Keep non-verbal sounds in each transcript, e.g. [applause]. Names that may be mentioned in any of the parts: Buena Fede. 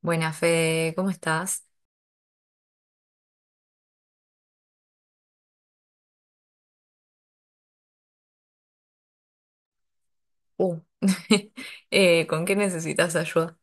Buena Fede, ¿cómo estás? Uh, [laughs] ¿con qué necesitas ayuda?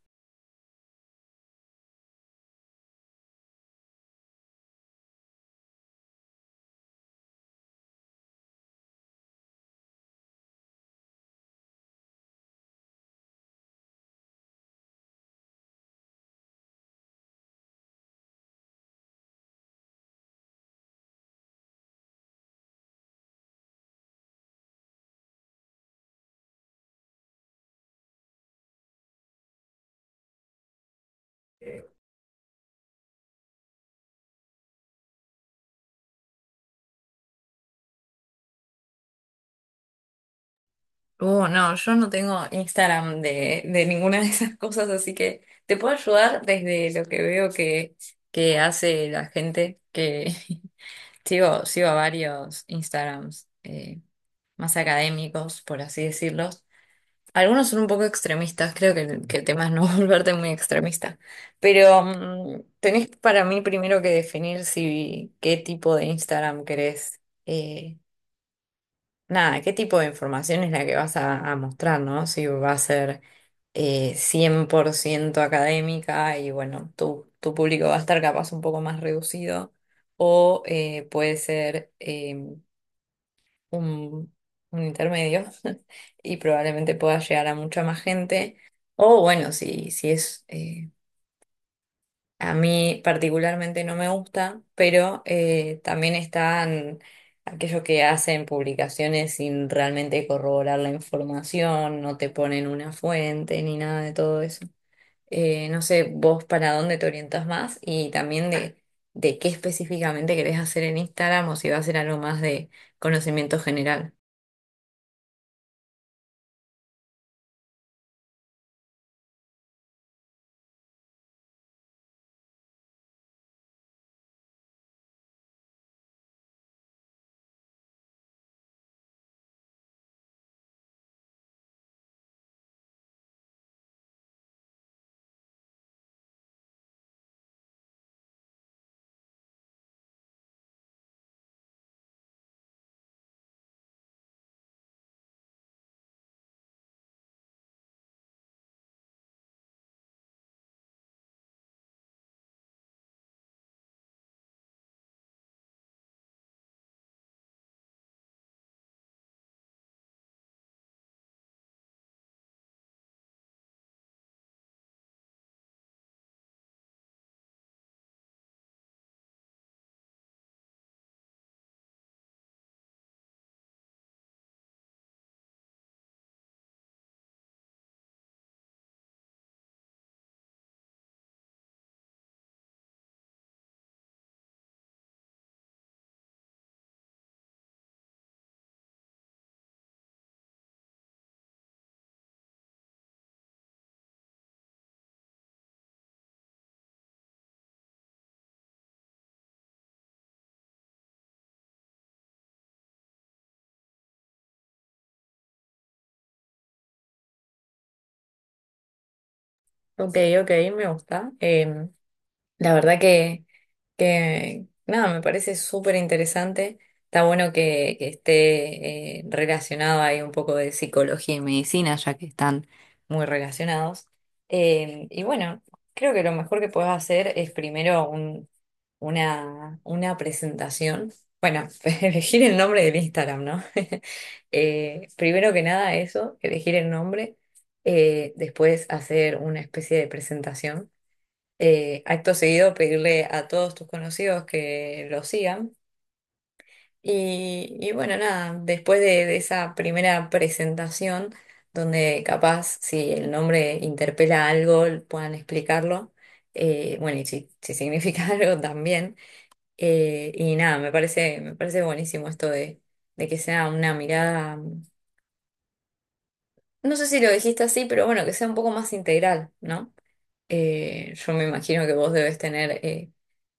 No, yo no tengo Instagram de ninguna de esas cosas, así que te puedo ayudar desde lo que veo que hace la gente, que [laughs] sigo a varios Instagrams más académicos, por así decirlo. Algunos son un poco extremistas, el que el tema es no [laughs] volverte muy extremista, pero tenés para mí primero que definir si qué tipo de Instagram querés. Eh, nada, ¿Qué tipo de información es la que a mostrar? ¿No? Si va a ser 100% académica, y bueno, tu público va a estar capaz un poco más reducido, o puede ser un, un intermedio [laughs] y probablemente pueda llegar a mucha más gente. O bueno, si es, a mí particularmente no me gusta, pero también están aquellos que hacen publicaciones sin realmente corroborar la información, no te ponen una fuente ni nada de todo eso. No sé, vos para dónde te orientas más y también de qué específicamente querés hacer en Instagram, o si va a ser algo más de conocimiento general. Ok, ok, me gusta. La verdad que nada, me parece súper interesante. Está que esté relacionado ahí un poco de psicología y medicina, ya que están muy relacionados. Y bueno, creo que lo mejor que puedes hacer es una presentación. Bueno, [laughs] elegir el nombre del Instagram, ¿no? [laughs] Primero que nada eso, elegir el nombre. Después hacer una especie de presentación, acto seguido pedirle a todos tus conocidos que lo sigan. Y bueno, nada, después de esa primera presentación, donde capaz si el nombre interpela algo, puedan explicarlo. Bueno, y si significa [laughs] algo también. Y nada, me parece buenísimo esto de que sea una mirada, no sé si lo dijiste así, pero bueno, que sea un poco más integral, ¿no? Yo me imagino que vos debes tener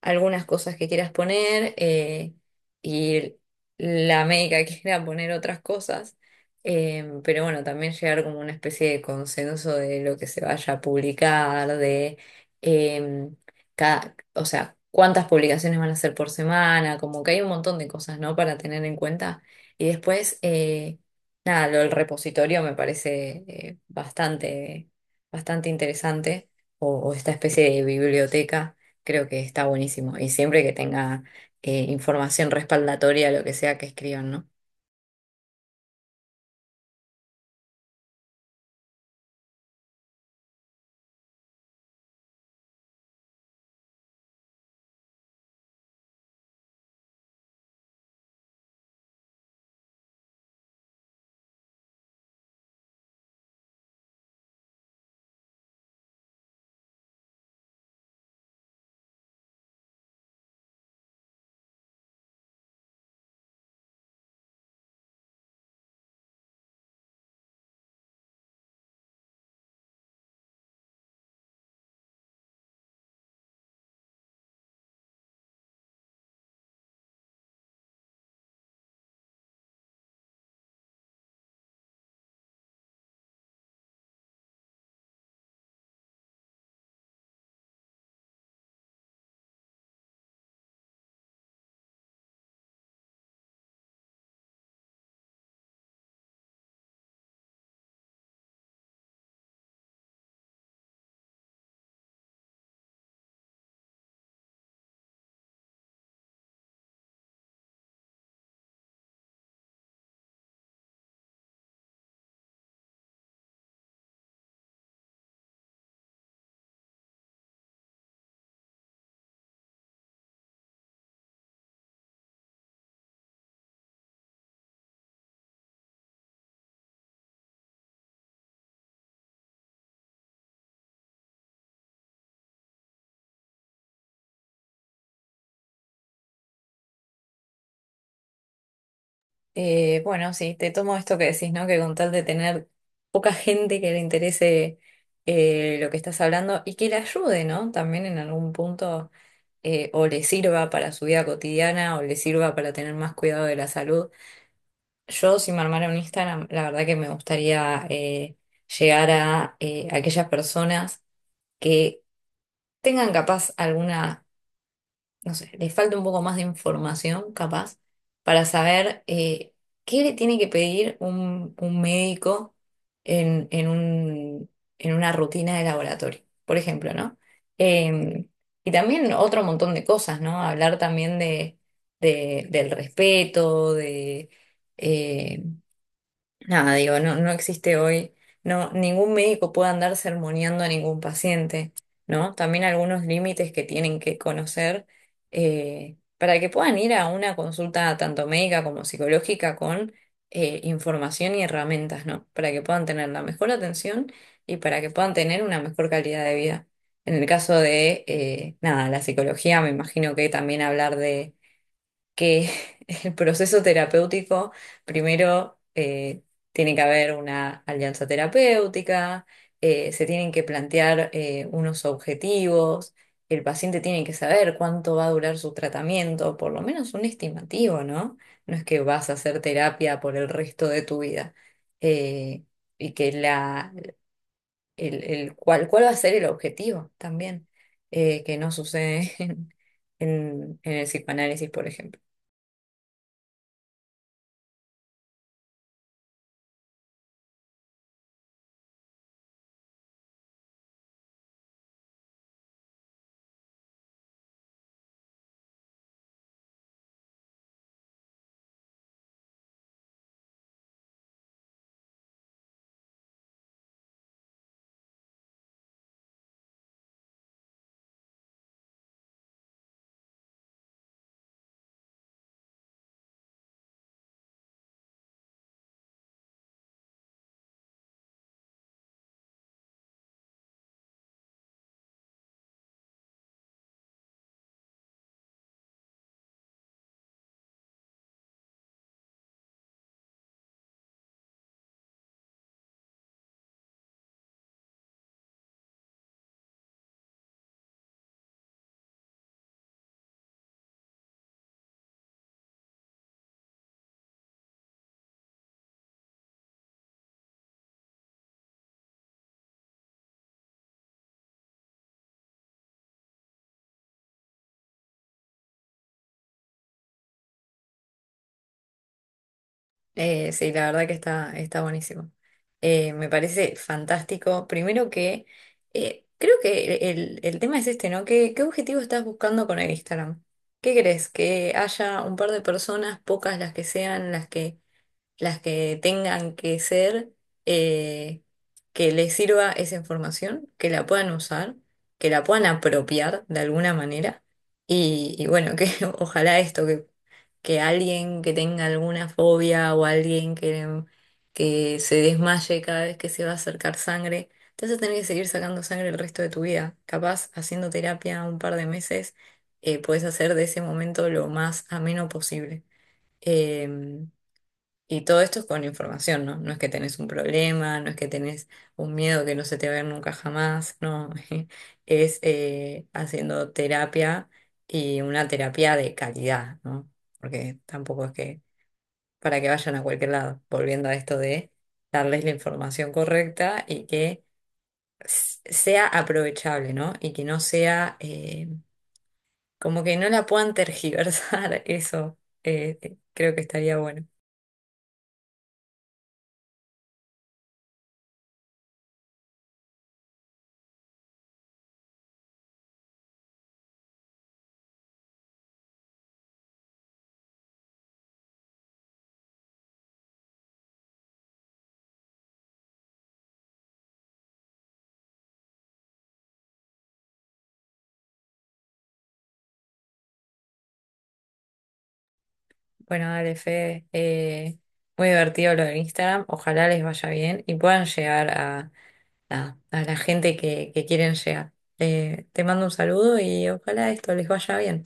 algunas cosas que quieras poner, y la médica [laughs] quiera poner otras cosas. Pero bueno, también llegar como una especie de consenso de lo que se vaya a publicar. Eh, o sea, cuántas publicaciones van a hacer por semana. Como que hay un montón de cosas, ¿no? Para tener en cuenta. Y después, nada, lo del repositorio me parece bastante interesante, o esta especie de biblioteca, creo que está buenísimo. Y siempre que tenga información respaldatoria, lo que sea que escriban, ¿no? Bueno, sí, te tomo esto que decís, ¿no? Que con tal de tener poca gente que le interese lo que estás hablando y que le ayude, ¿no? También en algún punto, o le sirva para su vida cotidiana, o le sirva para tener más cuidado de la salud. Yo, si me armara un Instagram, la verdad que me gustaría llegar a aquellas personas que tengan capaz alguna, no sé, les falta un poco más de información capaz para saber qué le tiene que pedir un médico en, en un- en una rutina de laboratorio, por ejemplo, ¿no? Eh, y también otro montón de cosas, ¿no? Hablar también del respeto, de... eh, Nada, digo, no existe hoy, no, ningún médico puede andar sermoneando a ningún paciente, ¿no? También algunos límites que tienen que conocer, para que puedan ir a una consulta tanto médica como psicológica con información y herramientas, ¿no? Para que puedan tener la mejor atención y para que puedan tener una mejor calidad de vida. En el caso de, nada, la psicología, me imagino que también hablar de que [laughs] el proceso terapéutico, primero tiene que haber una alianza terapéutica. Se tienen que plantear unos objetivos. El paciente tiene que saber cuánto va a durar su tratamiento, por lo menos un estimativo, ¿no? No es que vas a hacer terapia por el resto de tu vida. eh, y que la, el- cuál, cuál va a ser el objetivo también, que no sucede [laughs] en, en el psicoanálisis, por ejemplo. Sí, la verdad que está buenísimo. Me parece fantástico. Primero que creo que el tema es este, ¿no? ¿Qué, qué objetivo estás buscando con el Instagram? ¿Qué crees? Que haya un par de personas, pocas las que sean, las que tengan que ser, eh, que les sirva esa información, que la puedan usar, que la puedan apropiar de alguna manera. Y bueno, que [laughs] ojalá esto, que alguien que tenga alguna fobia, o alguien que se desmaye cada vez que se va a acercar sangre, te vas a tener que seguir sacando sangre el resto de tu vida. Capaz, haciendo terapia un par de meses, puedes hacer de ese momento lo más ameno posible. Em, y todo esto es con información, ¿no? No es que tenés un problema, no es que tenés un miedo que no se te va a ir nunca jamás, no. [laughs] Es haciendo terapia, y una terapia de calidad, ¿no? Porque tampoco es que para que vayan a cualquier lado, volviendo a esto de darles la información correcta y que sea aprovechable, ¿no? Y que no sea como que no la puedan tergiversar, [laughs] eso creo que estaría bueno. Bueno, dale, Fede. Muy divertido lo de Instagram. Ojalá les vaya bien y puedan llegar a, nada, a la gente que quieren llegar. Te mando un saludo y ojalá esto les vaya bien.